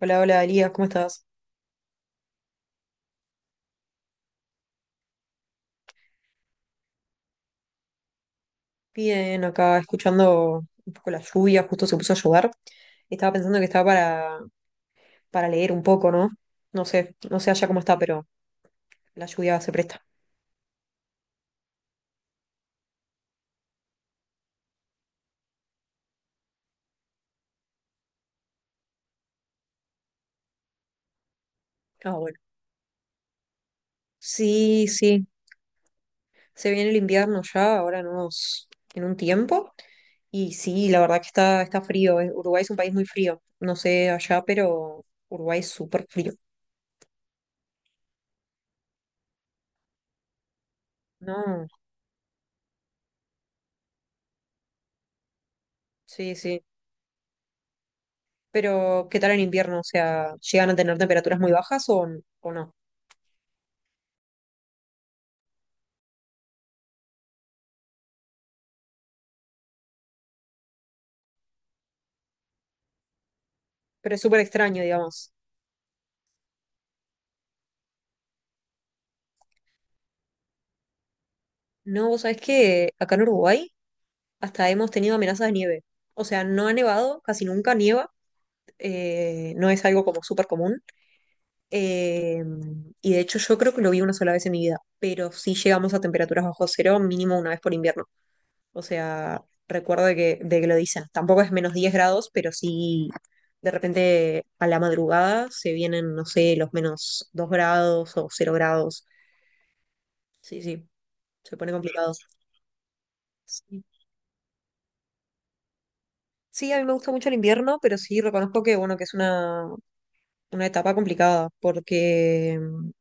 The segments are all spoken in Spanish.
Hola, hola, Elías, ¿cómo estás? Bien, acá escuchando un poco la lluvia, justo se puso a llover. Estaba pensando que estaba para leer un poco, ¿no? No sé allá cómo está, pero la lluvia se presta. Ah, bueno. Sí, sí, se viene el invierno ya, ahora nos, en un tiempo. Y sí, la verdad que está frío. Uruguay es un país muy frío. No sé allá, pero Uruguay es súper frío. No, sí, sí. Pero, ¿qué tal en invierno? O sea, ¿llegan a tener temperaturas muy bajas o no? Pero es súper extraño, digamos. No, vos sabés que acá en Uruguay hasta hemos tenido amenazas de nieve. O sea, no ha nevado, casi nunca nieva, no es algo como súper común. eh, y de hecho yo creo que lo vi una sola vez en mi vida, pero sí llegamos a temperaturas bajo cero mínimo una vez por invierno. O sea, recuerdo de que lo dicen. Tampoco es menos 10 grados, pero sí de repente a la madrugada se vienen, no sé, los menos 2 grados o cero grados. Sí, sí, se pone complicado. Sí, a mí me gusta mucho el invierno, pero sí reconozco que, bueno, que es una etapa complicada, porque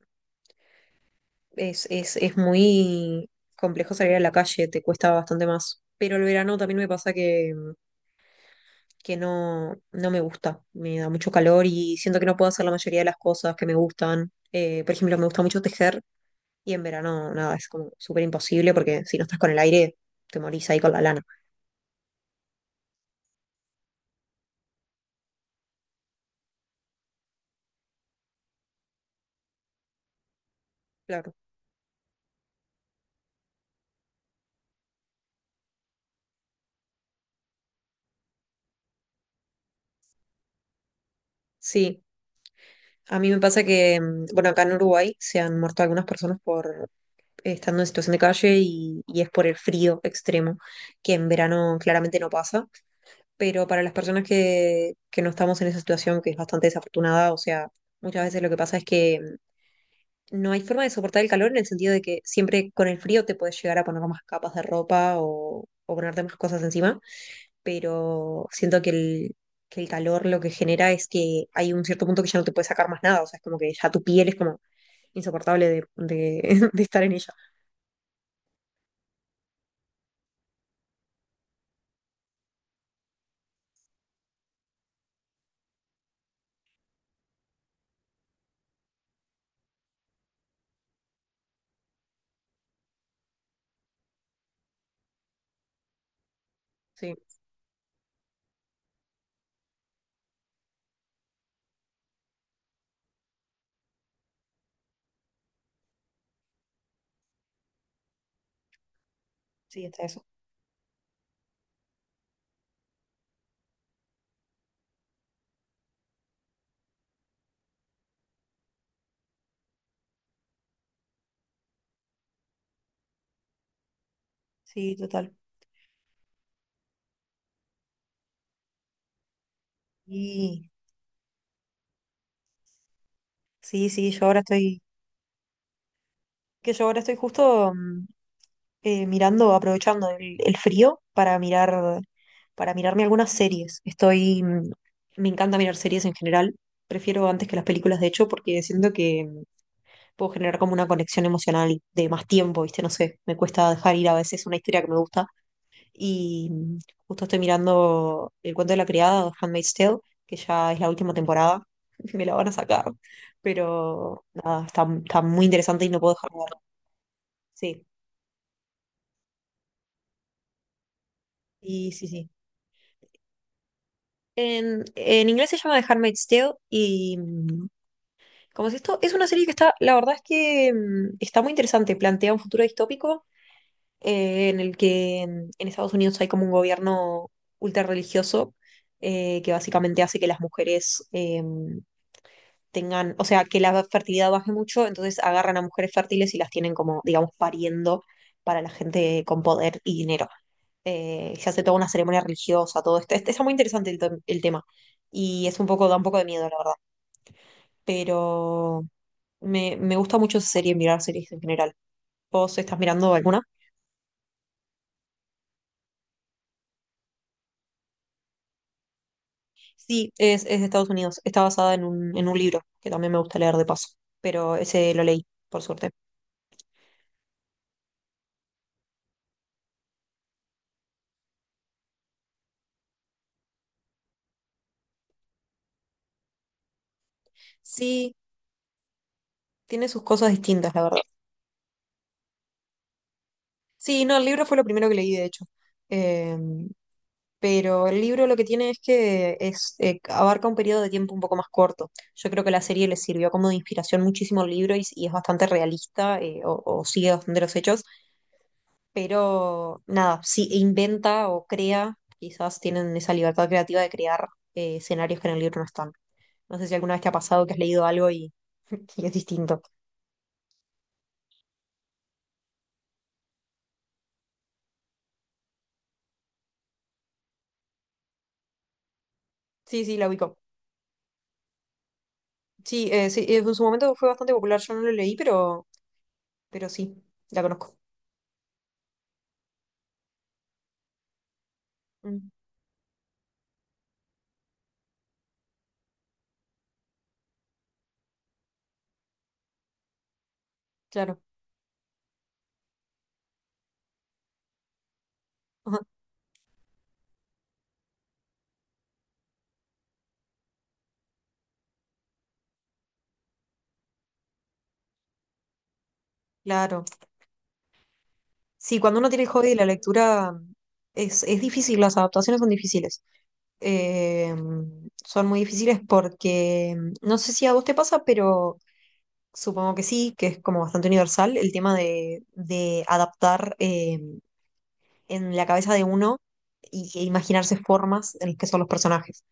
es muy complejo salir a la calle, te cuesta bastante más. Pero el verano también me pasa que, que no me gusta, me da mucho calor y siento que no puedo hacer la mayoría de las cosas que me gustan. Por ejemplo, me gusta mucho tejer y en verano, nada, es como súper imposible porque si no estás con el aire, te morís ahí con la lana. Claro. Sí. A mí me pasa que, bueno, acá en Uruguay se han muerto algunas personas por, estando en situación de calle y es por el frío extremo, que en verano claramente no pasa, pero para las personas que no estamos en esa situación, que es bastante desafortunada, o sea, muchas veces lo que pasa es que no hay forma de soportar el calor en el sentido de que siempre con el frío te puedes llegar a poner más capas de ropa o ponerte más cosas encima, pero siento que el calor lo que genera es que hay un cierto punto que ya no te puedes sacar más nada, o sea, es como que ya tu piel es como insoportable de de estar en ella. Sí, sí, está eso. Sí, total. Y sí, sí, yo ahora estoy justo mirando, aprovechando el frío para mirar, para mirarme algunas series. Estoy, me encanta mirar series en general. Prefiero antes que las películas, de hecho, porque siento que puedo generar como una conexión emocional de más tiempo, ¿viste? No sé, me cuesta dejar ir a veces una historia que me gusta. Y justo estoy mirando El cuento de la criada, o Handmaid's Tale, que ya es la última temporada. Me la van a sacar. Pero nada, está muy interesante y no puedo dejar de verla. Sí, sí, sí, sí. En inglés se llama The Handmaid's Tale y como es esto es una serie que está, la verdad es que está muy interesante, plantea un futuro distópico en el que en Estados Unidos hay como un gobierno ultra religioso que básicamente hace que las mujeres tengan, o sea, que la fertilidad baje mucho, entonces agarran a mujeres fértiles y las tienen como, digamos, pariendo para la gente con poder y dinero. Se hace toda una ceremonia religiosa, todo esto. Este, está muy interesante el tema y es un poco, da un poco de miedo, la verdad. Pero me gusta mucho esa serie, mirar series en general. ¿Vos estás mirando alguna? Sí, es de Estados Unidos. Está basada en un libro que también me gusta leer de paso, pero ese lo leí, por suerte. Sí, tiene sus cosas distintas, la verdad. Sí, no, el libro fue lo primero que leí, de hecho. Eh, pero el libro lo que tiene es que es, abarca un periodo de tiempo un poco más corto. Yo creo que la serie le sirvió como de inspiración muchísimo al libro y es bastante realista o sigue bastante los hechos. Pero nada, sí inventa o crea, quizás tienen esa libertad creativa de crear escenarios que en el libro no están. No sé si alguna vez te ha pasado que has leído algo y es distinto. Sí, sí, la ubico. Sí, sí, en su momento fue bastante popular, yo no lo leí, pero sí, la conozco. Mm, claro. Ajá. Claro. Sí, cuando uno tiene el hobby de la lectura es difícil, las adaptaciones son difíciles. Eh, Son muy difíciles porque no sé si a vos te pasa, pero supongo que sí, que es como bastante universal el tema de adaptar en la cabeza de uno e imaginarse formas en las que son los personajes.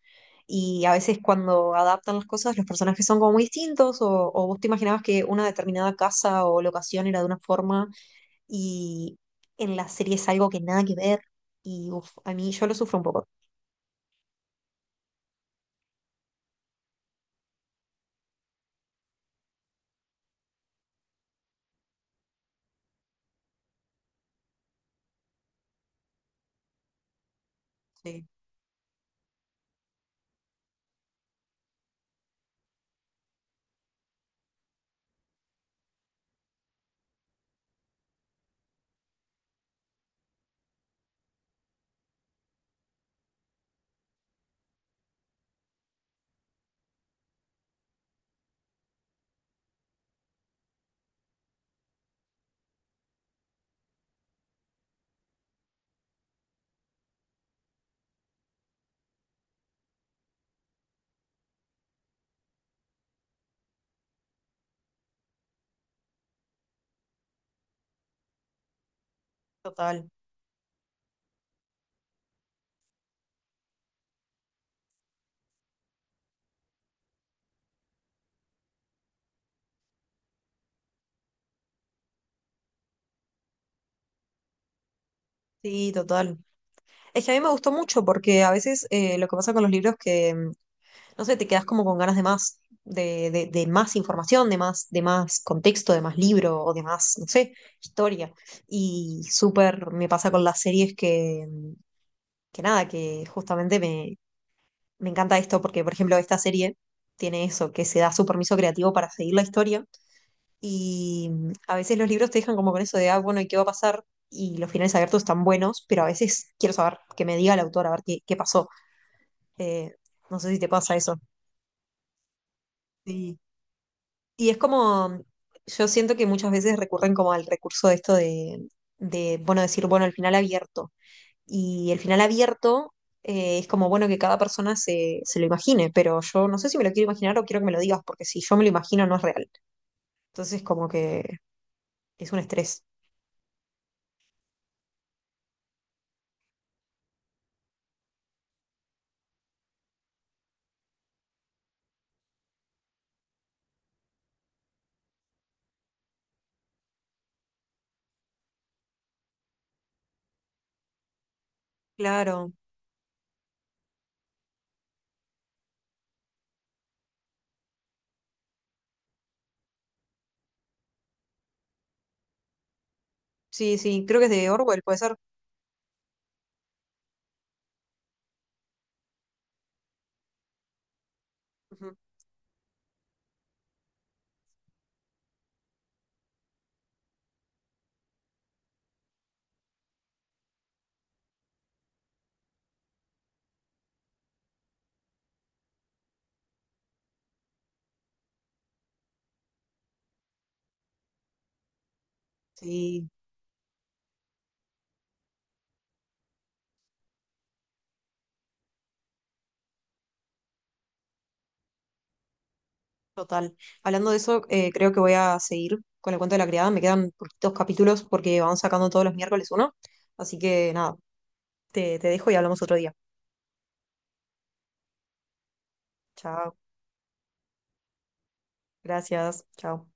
Y a veces cuando adaptan las cosas, los personajes son como muy distintos, o vos te imaginabas que una determinada casa o locación era de una forma, y en la serie es algo que nada que ver, y uf, a mí yo lo sufro un poco. Sí, total. Sí, total. Es que a mí me gustó mucho porque a veces lo que pasa con los libros que, no sé, te quedas como con ganas de más, de más información, de más contexto, de más libro o de más, no sé, historia. Y súper me pasa con las series que, que nada, que justamente me encanta esto porque, por ejemplo, esta serie tiene eso, que se da su permiso creativo para seguir la historia y a veces los libros te dejan como con eso de, ah, bueno, ¿y qué va a pasar? Y los finales abiertos están buenos, pero a veces quiero saber, que me diga el autor, a ver qué pasó. Eh, no sé si te pasa eso. Sí. Y es como, yo siento que muchas veces recurren como al recurso de esto de, bueno, decir, bueno, el final abierto. Y el final abierto es como, bueno, que cada persona se lo imagine, pero yo no sé si me lo quiero imaginar o quiero que me lo digas, porque si yo me lo imagino no es real. Entonces, como que es un estrés. Claro, sí, sí, creo que es de Orwell, puede ser. Ujú. Sí, total. Hablando de eso, creo que voy a seguir con el cuento de la criada. Me quedan poquitos capítulos porque vamos sacando todos los miércoles uno. Así que nada, te dejo y hablamos otro día. Chao, gracias, chao.